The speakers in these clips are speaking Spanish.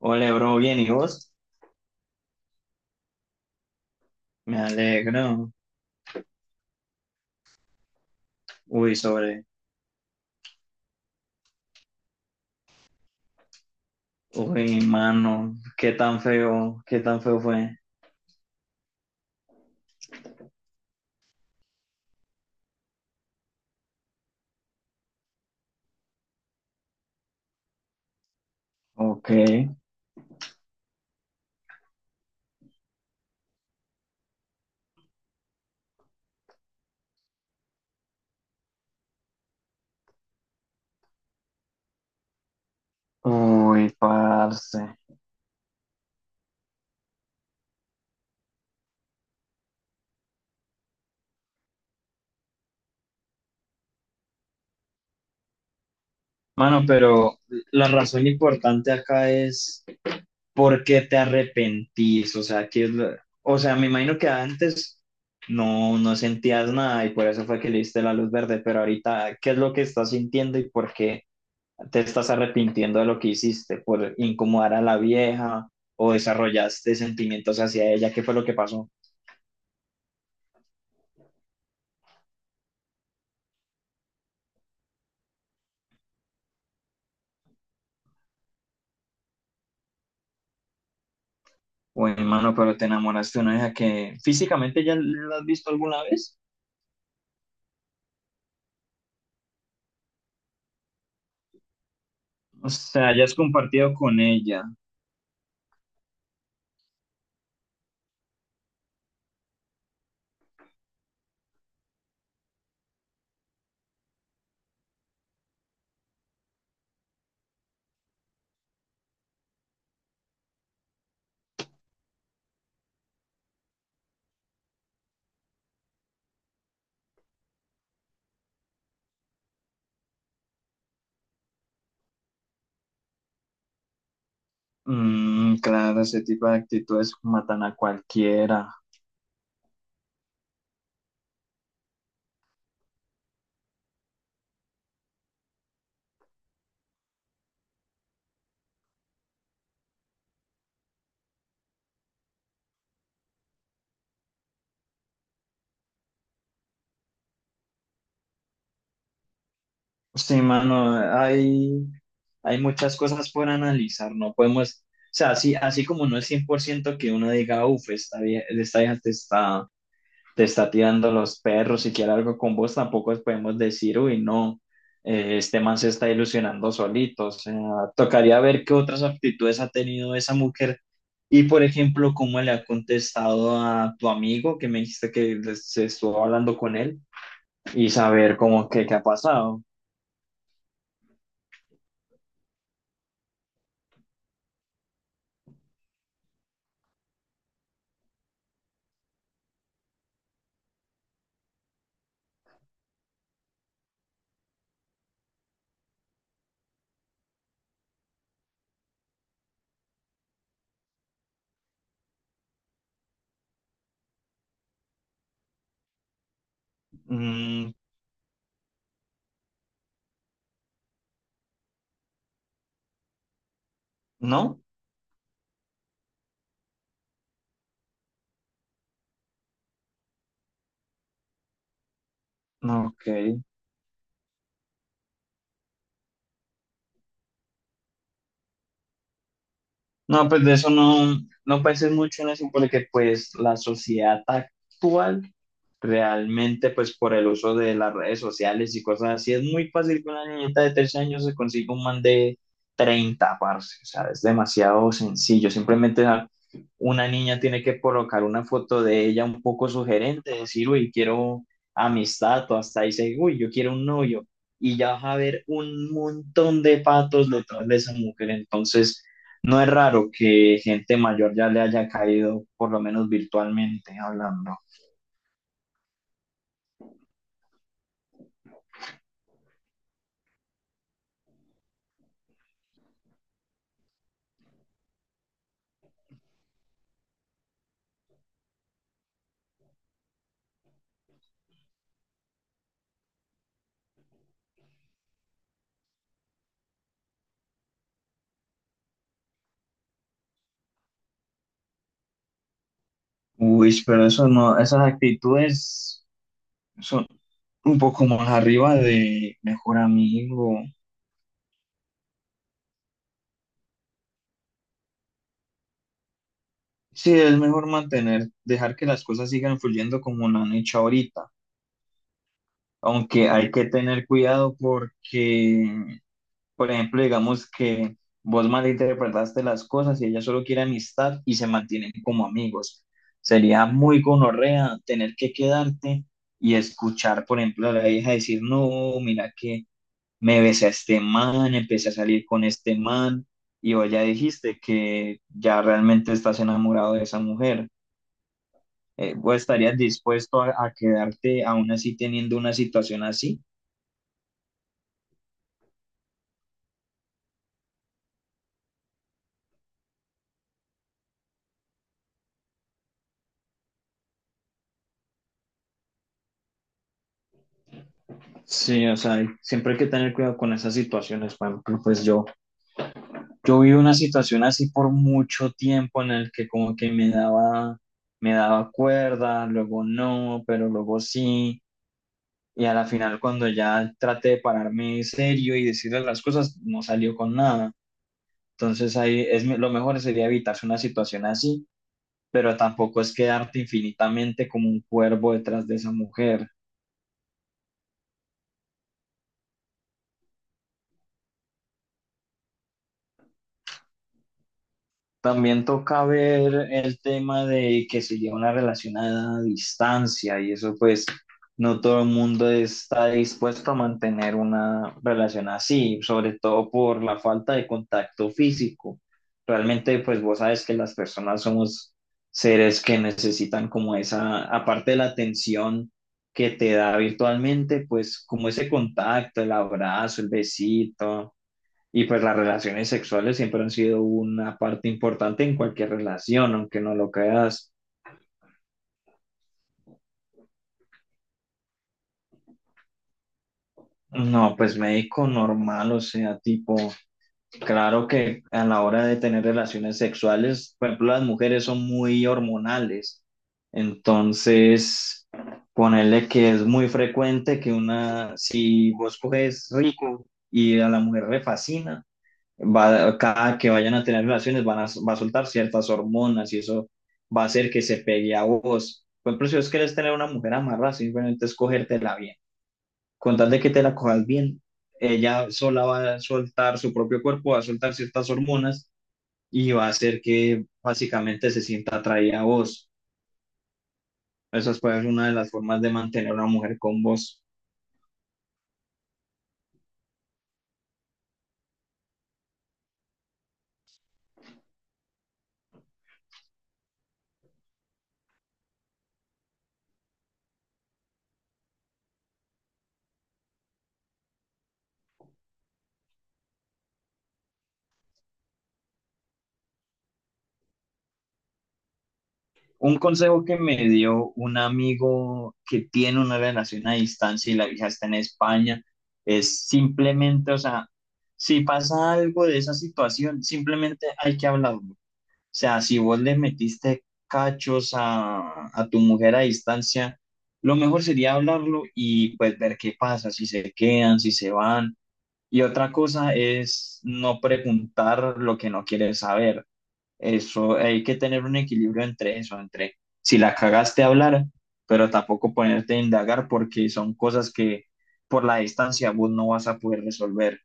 Hola, bro, bien, ¿y vos? Me alegro. Uy, sobre. Uy, mano, qué tan feo fue. Ok. Uy, parce. Mano, pero la razón importante acá es por qué te arrepentís. O sea, ¿qué es lo- o sea, me imagino que antes no sentías nada y por eso fue que le diste la luz verde, pero ahorita, ¿qué es lo que estás sintiendo y por qué te estás arrepintiendo de lo que hiciste por incomodar a la vieja o desarrollaste sentimientos hacia ella? ¿Qué fue lo que pasó? O hermano, pero te enamoraste de una vieja que físicamente ya la has visto alguna vez, o sea, ya has compartido con ella. Mm, claro, ese tipo de actitudes matan a cualquiera. Sí, mano, hay muchas cosas por analizar, no podemos, o sea, así, así como no es 100% que uno diga, uff, esta vieja te está tirando los perros y quiere algo con vos, tampoco podemos decir, uy, no, este man se está ilusionando solito. O sea, tocaría ver qué otras actitudes ha tenido esa mujer y, por ejemplo, cómo le ha contestado a tu amigo que me dijiste que les- se estuvo hablando con él y saber cómo que qué ha pasado. Mm, ¿no? No, ok. No, pues de eso no, no pensé mucho en eso porque pues la sociedad actual realmente pues por el uso de las redes sociales y cosas así es muy fácil que una niñita de 13 años se consiga un man de 30, parce, o sea, es demasiado sencillo, simplemente ja, una niña tiene que colocar una foto de ella un poco sugerente, decir, uy, quiero amistad o hasta ahí dice, uy, yo quiero un novio y ya vas a ver un montón de patos detrás de esa mujer, entonces... No es raro que gente mayor ya le haya caído, por lo menos virtualmente hablando. Uy, pero eso no, esas actitudes son un poco más arriba de mejor amigo. Sí, es mejor mantener, dejar que las cosas sigan fluyendo como lo han hecho ahorita. Aunque hay que tener cuidado porque, por ejemplo, digamos que vos malinterpretaste las cosas y ella solo quiere amistad y se mantienen como amigos. Sería muy gonorrea tener que quedarte y escuchar, por ejemplo, a la hija decir, no, mira que me besé a este man, empecé a salir con este man, y vos ya dijiste que ya realmente estás enamorado de esa mujer. ¿Vos estarías dispuesto a quedarte aún así teniendo una situación así? Sí, o sea, siempre hay que tener cuidado con esas situaciones. Por ejemplo, pues yo yo viví una situación así por mucho tiempo en el que como que me daba cuerda, luego no, pero luego sí. Y a la final cuando ya traté de pararme serio y decirle las cosas, no salió con nada. Entonces ahí es me- lo mejor sería evitarse una situación así, pero tampoco es quedarte infinitamente como un cuervo detrás de esa mujer. También toca ver el tema de que se lleva una relación a distancia y eso pues no todo el mundo está dispuesto a mantener una relación así, sobre todo por la falta de contacto físico. Realmente pues vos sabes que las personas somos seres que necesitan como esa, aparte de la atención que te da virtualmente, pues como ese contacto, el abrazo, el besito. Y pues las relaciones sexuales siempre han sido una parte importante en cualquier relación, aunque no lo creas. No, pues médico normal, o sea, tipo, claro que a la hora de tener relaciones sexuales, por ejemplo, las mujeres son muy hormonales. Entonces, ponerle que es muy frecuente que una, si vos coges rico y a la mujer le fascina, va, cada que vayan a tener relaciones va a soltar ciertas hormonas y eso va a hacer que se pegue a vos. Por ejemplo, si vos querés tener una mujer amarrada, simplemente es cogértela bien. Con tal de que te la cojas bien, ella sola va a soltar su propio cuerpo, va a soltar ciertas hormonas y va a hacer que básicamente se sienta atraída a vos. Esa puede ser una de las formas de mantener a una mujer con vos. Un consejo que me dio un amigo que tiene una relación a distancia y la hija está en España es simplemente, o sea, si pasa algo de esa situación, simplemente hay que hablarlo. O sea, si vos le metiste cachos a tu mujer a distancia, lo mejor sería hablarlo y pues ver qué pasa, si se quedan, si se van. Y otra cosa es no preguntar lo que no quieres saber. Eso, hay que tener un equilibrio entre eso, entre si la cagaste hablar, pero tampoco ponerte a indagar porque son cosas que por la distancia vos no vas a poder resolver.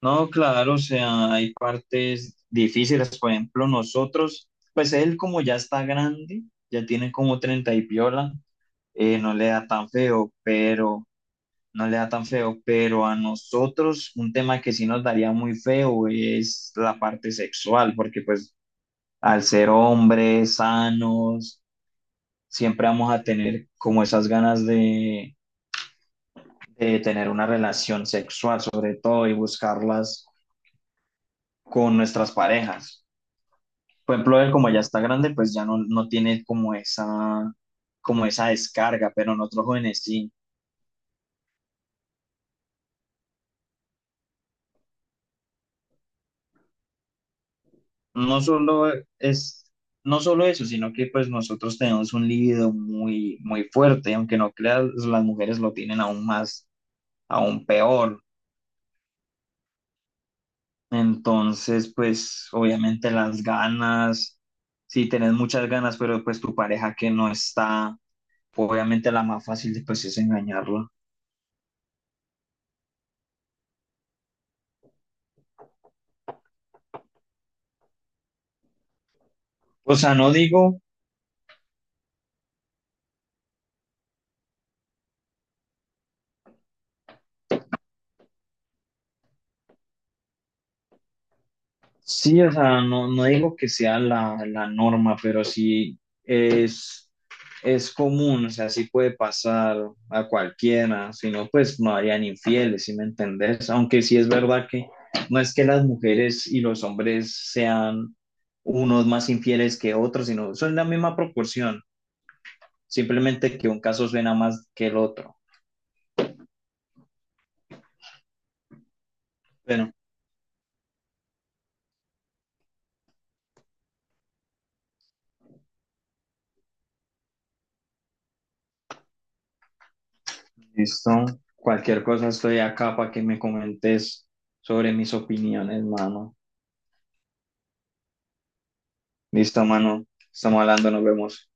No, claro, o sea, hay partes difíciles, por ejemplo, nosotros, pues él como ya está grande, ya tiene como 30 y piola, no le da tan feo, pero no le da tan feo, pero a nosotros un tema que sí nos daría muy feo es la parte sexual, porque pues al ser hombres sanos, siempre vamos a tener como esas ganas de tener una relación sexual, sobre todo, y buscarlas con nuestras parejas. Por ejemplo, él como ya está grande, pues ya no, no tiene como esa descarga, pero nosotros jóvenes sí. No solo es, no solo eso, sino que pues nosotros tenemos un libido muy fuerte, aunque no creas, las mujeres lo tienen aún más, aún peor. Entonces, pues obviamente las ganas, si tenés muchas ganas, pero pues tu pareja que no está, obviamente la más fácil pues es engañarla. O sea, no digo Sí, o sea, no, no digo que sea la norma, pero sí es común, o sea, sí puede pasar a cualquiera, si no, pues no harían infieles, ¿sí me entendés? Aunque sí es verdad que no es que las mujeres y los hombres sean unos más infieles que otros, sino son la misma proporción, simplemente que un caso suena más que el otro. Bueno, listo, cualquier cosa estoy acá para que me comentes sobre mis opiniones, mano. Listo, mano. Estamos hablando, nos vemos.